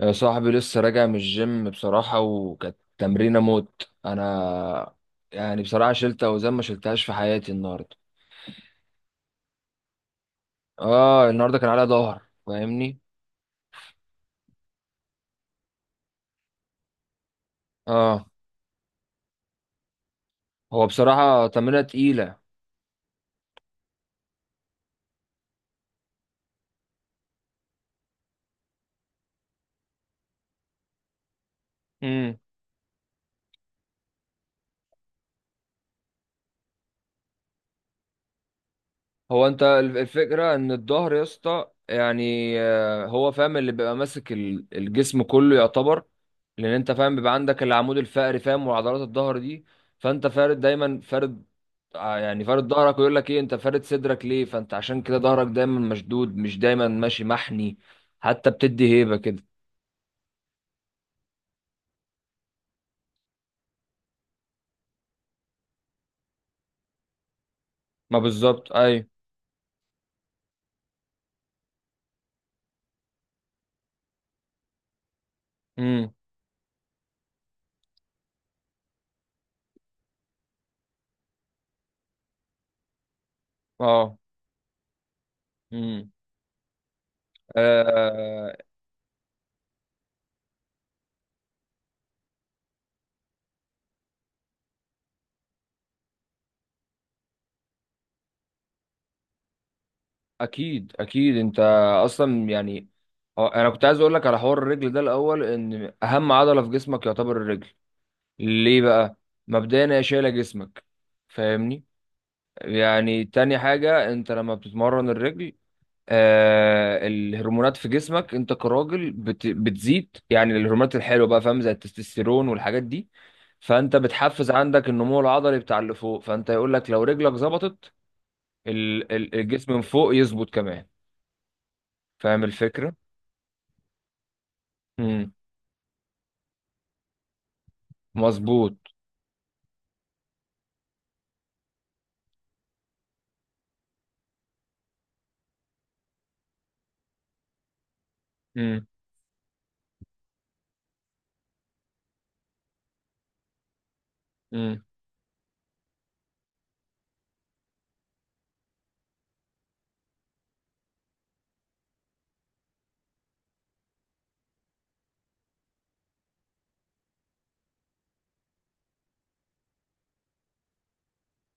يا صاحبي لسه راجع من الجيم بصراحة، وكانت تمرينة موت أنا. يعني بصراحة شلت أوزان ما شلتهاش في حياتي النهاردة. آه، النهاردة كان عليا ظهر، فاهمني. آه، هو بصراحة تمرينة تقيلة. امم. هو أنت الفكرة إن الظهر يا اسطى، يعني هو فاهم، اللي بيبقى ماسك الجسم كله يعتبر. لان انت فاهم بيبقى عندك العمود الفقري، فاهم، وعضلات الظهر دي. فانت فارد، دايما فارد. يعني فارد ظهرك، ويقول لك ايه، انت فارد صدرك ليه؟ فانت عشان كده ظهرك دايما مشدود، مش دايما ماشي محني. حتى بتدي هيبة كده. ما بالظبط اي. امم. اه. امم. آه، اكيد اكيد انت. اصلا يعني انا كنت عايز اقول لك على حوار الرجل ده الاول، ان اهم عضلة في جسمك يعتبر الرجل. ليه بقى؟ مبدئيا هي شايلة جسمك، فاهمني. يعني تاني حاجة، انت لما بتتمرن الرجل، الهرمونات في جسمك انت كراجل بتزيد، يعني الهرمونات الحلوة بقى، فاهم، زي التستوستيرون والحاجات دي. فانت بتحفز عندك النمو العضلي بتاع اللي فوق، فانت يقول لك لو رجلك ظبطت، الجسم من فوق يظبط كمان. فاهم الفكرة؟ امم. مظبوط. امم. امم.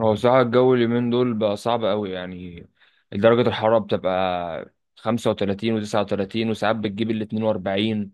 هو بصراحة الجو اليومين دول بقى صعب قوي يعني. درجة الحرارة بتبقى 35 و39، وساعات بتجيب ال 42.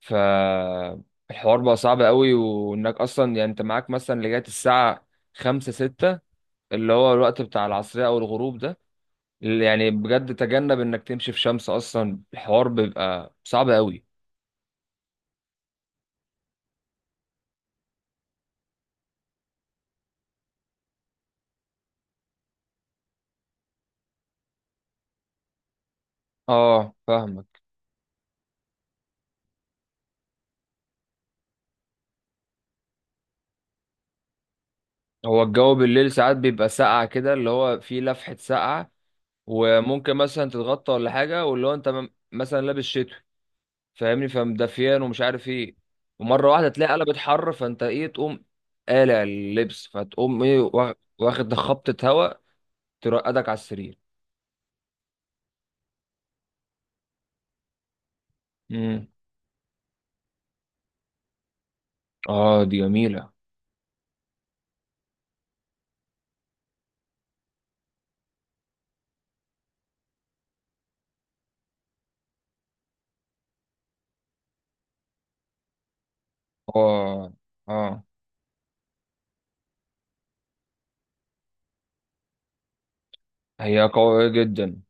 فالحوار بقى صعب قوي، وانك اصلا يعني انت معاك مثلا لغايه الساعه خمسة ستة، اللي هو الوقت بتاع العصريه او الغروب ده. يعني بجد تجنب انك تمشي في شمس، اصلا الحوار بيبقى صعب قوي. اه، فاهمك. هو الجو بالليل ساعات بيبقى ساقع كده، اللي هو فيه لفحه ساقعه. وممكن مثلا تتغطى ولا حاجه، واللي هو انت مثلا لابس شتوي، فاهمني، فمدفيان ومش عارف ايه. ومره واحده تلاقي قلبت حر، فانت ايه تقوم قالع اللبس، فتقوم ايه واخد خبطه هواء ترقدك على السرير. امم. اه، دي جميله. اه. اه. هي قويه جدا.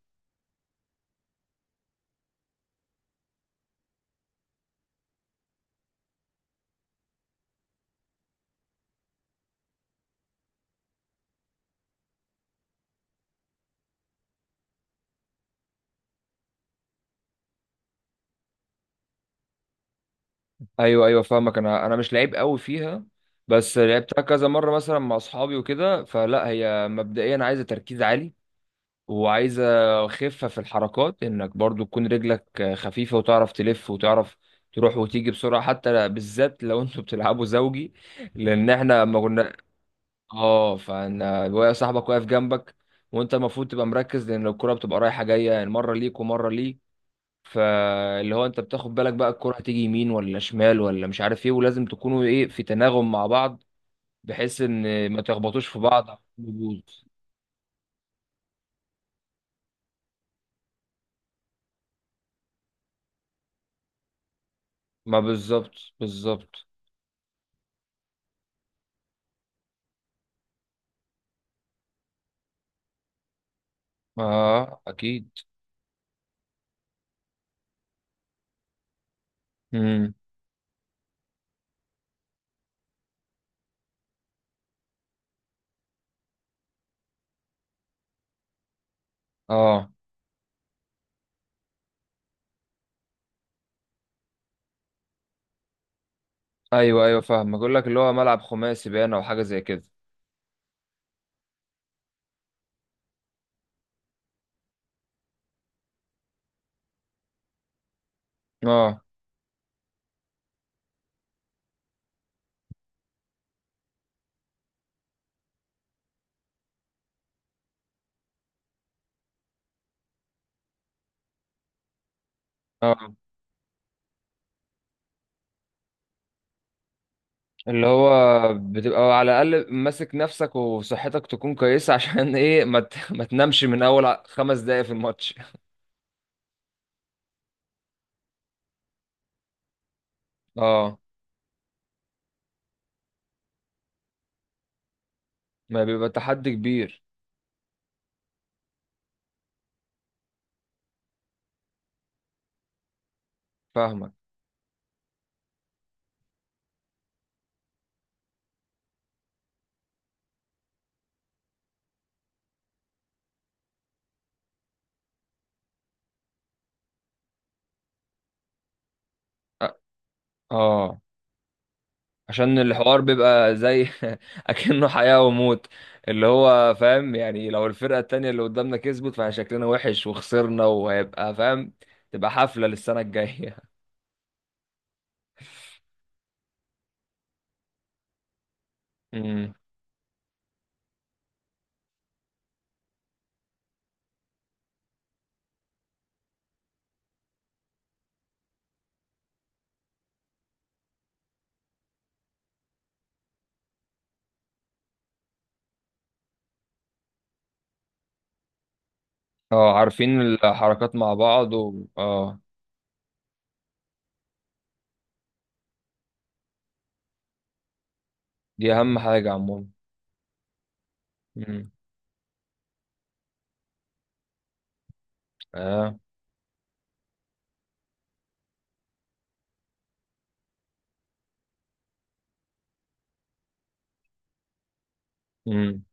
ايوه ايوه فاهمك، انا مش لعيب قوي فيها. بس لعبتها كذا مره مثلا مع اصحابي وكده، فلا هي مبدئيا عايزه تركيز عالي، وعايزة خفة في الحركات، انك برضو تكون رجلك خفيفة، وتعرف تلف وتعرف تروح وتيجي بسرعة، حتى بالذات لو انتوا بتلعبوا زوجي. لان احنا لما كنا، اه، فانا صاحبك واقف جنبك، وانت المفروض تبقى مركز، لان الكرة بتبقى رايحة جاية، يعني مرة ليك ومرة ليك. فاللي هو انت بتاخد بالك بقى الكرة هتيجي يمين ولا شمال ولا مش عارف ايه، ولازم تكونوا ايه في تناغم مع بعض، بحيث ان ما تخبطوش في بعض يبوظ. ما بالظبط. بالظبط. اه، اكيد. امم. اه. ايوه ايوه فاهم، بقول لك اللي هو ملعب خماسي باين او حاجه زي كده. اه. اه، اللي هو بتبقى على الاقل ماسك نفسك وصحتك تكون كويسه عشان ايه ما تنامش من اول خمس دقايق في الماتش. اه، ما بيبقى تحدي كبير. فاهمك. أ- اه، عشان الحوار بيبقى زي اكنه حياه وموت، اللي هو فاهم يعني، لو الفرقه التانية اللي قدامنا كسبت فشكلنا وحش وخسرنا، وهيبقى فاهم، تبقى حفله للسنه الجايه. اه، عارفين الحركات مع بعض و... اه. دي اهم حاجة عموما. مم. اه. مم.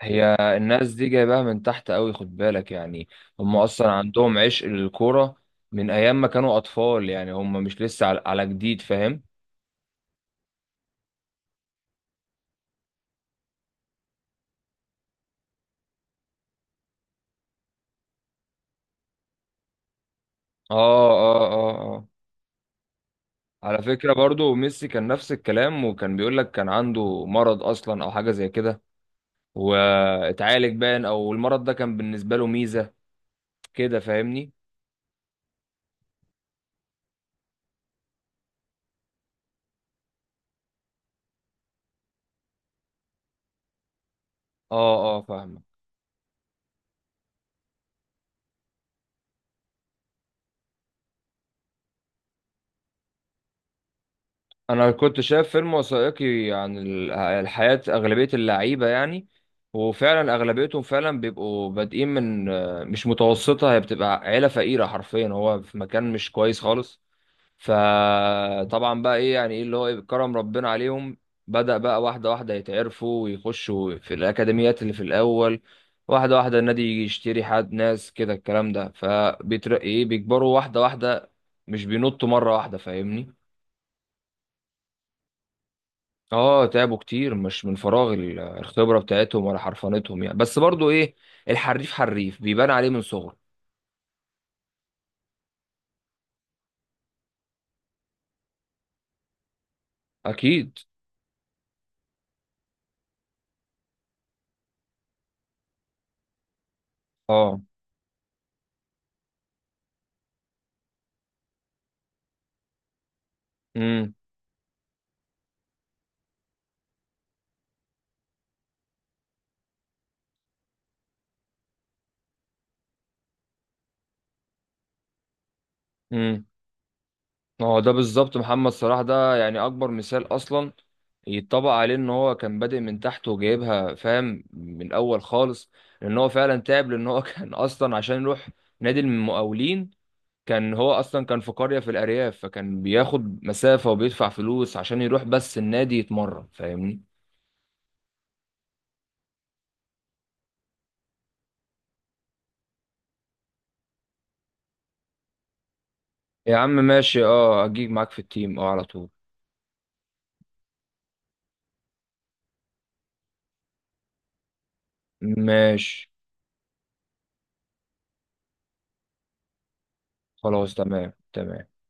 هي الناس دي جايباها من تحت قوي، خد بالك يعني، هم اصلا عندهم عشق للكورة من ايام ما كانوا اطفال، يعني هم مش لسه على جديد، فاهم. اه اه اه اه، على فكرة برضو ميسي كان نفس الكلام، وكان بيقول لك كان عنده مرض اصلا او حاجة زي كده، واتعالج باين، او المرض ده كان بالنسبة له ميزة كده، فاهمني. اه اه فاهم. انا كنت شايف فيلم وثائقي عن الحياة، اغلبية اللعيبة يعني، وفعلا اغلبيتهم فعلا بيبقوا بادئين من مش متوسطة، هي بتبقى عيلة فقيرة حرفيا، هو في مكان مش كويس خالص. فطبعا بقى ايه يعني، ايه اللي هو إيه كرم ربنا عليهم، بدأ بقى واحدة واحدة يتعرفوا ويخشوا في الأكاديميات اللي في الأول، واحدة واحدة النادي يجي يشتري حد، ناس كده الكلام ده، فبيترقي ايه، بيكبروا واحدة واحدة، مش بينطوا مرة واحدة، فاهمني. اه، تعبوا كتير، مش من فراغ الخبرة بتاعتهم ولا حرفنتهم يعني، بس برضو ايه، الحريف حريف بيبان عليه من صغره. اكيد. اه. امم. امم. اه، ده بالظبط محمد صلاح، ده يعني اكبر مثال اصلا يتطبق عليه، ان هو كان بادئ من تحت وجايبها فاهم من الاول خالص، لان هو فعلا تعب، لان هو كان اصلا عشان يروح نادي المقاولين، كان هو اصلا كان في قرية في الارياف، فكان بياخد مسافة وبيدفع فلوس عشان يروح بس النادي يتمرن، فاهمني. يا عم ماشي، اه، اجيك معاك في التيم، اه، على طول. ماشي. خلاص تمام تمام.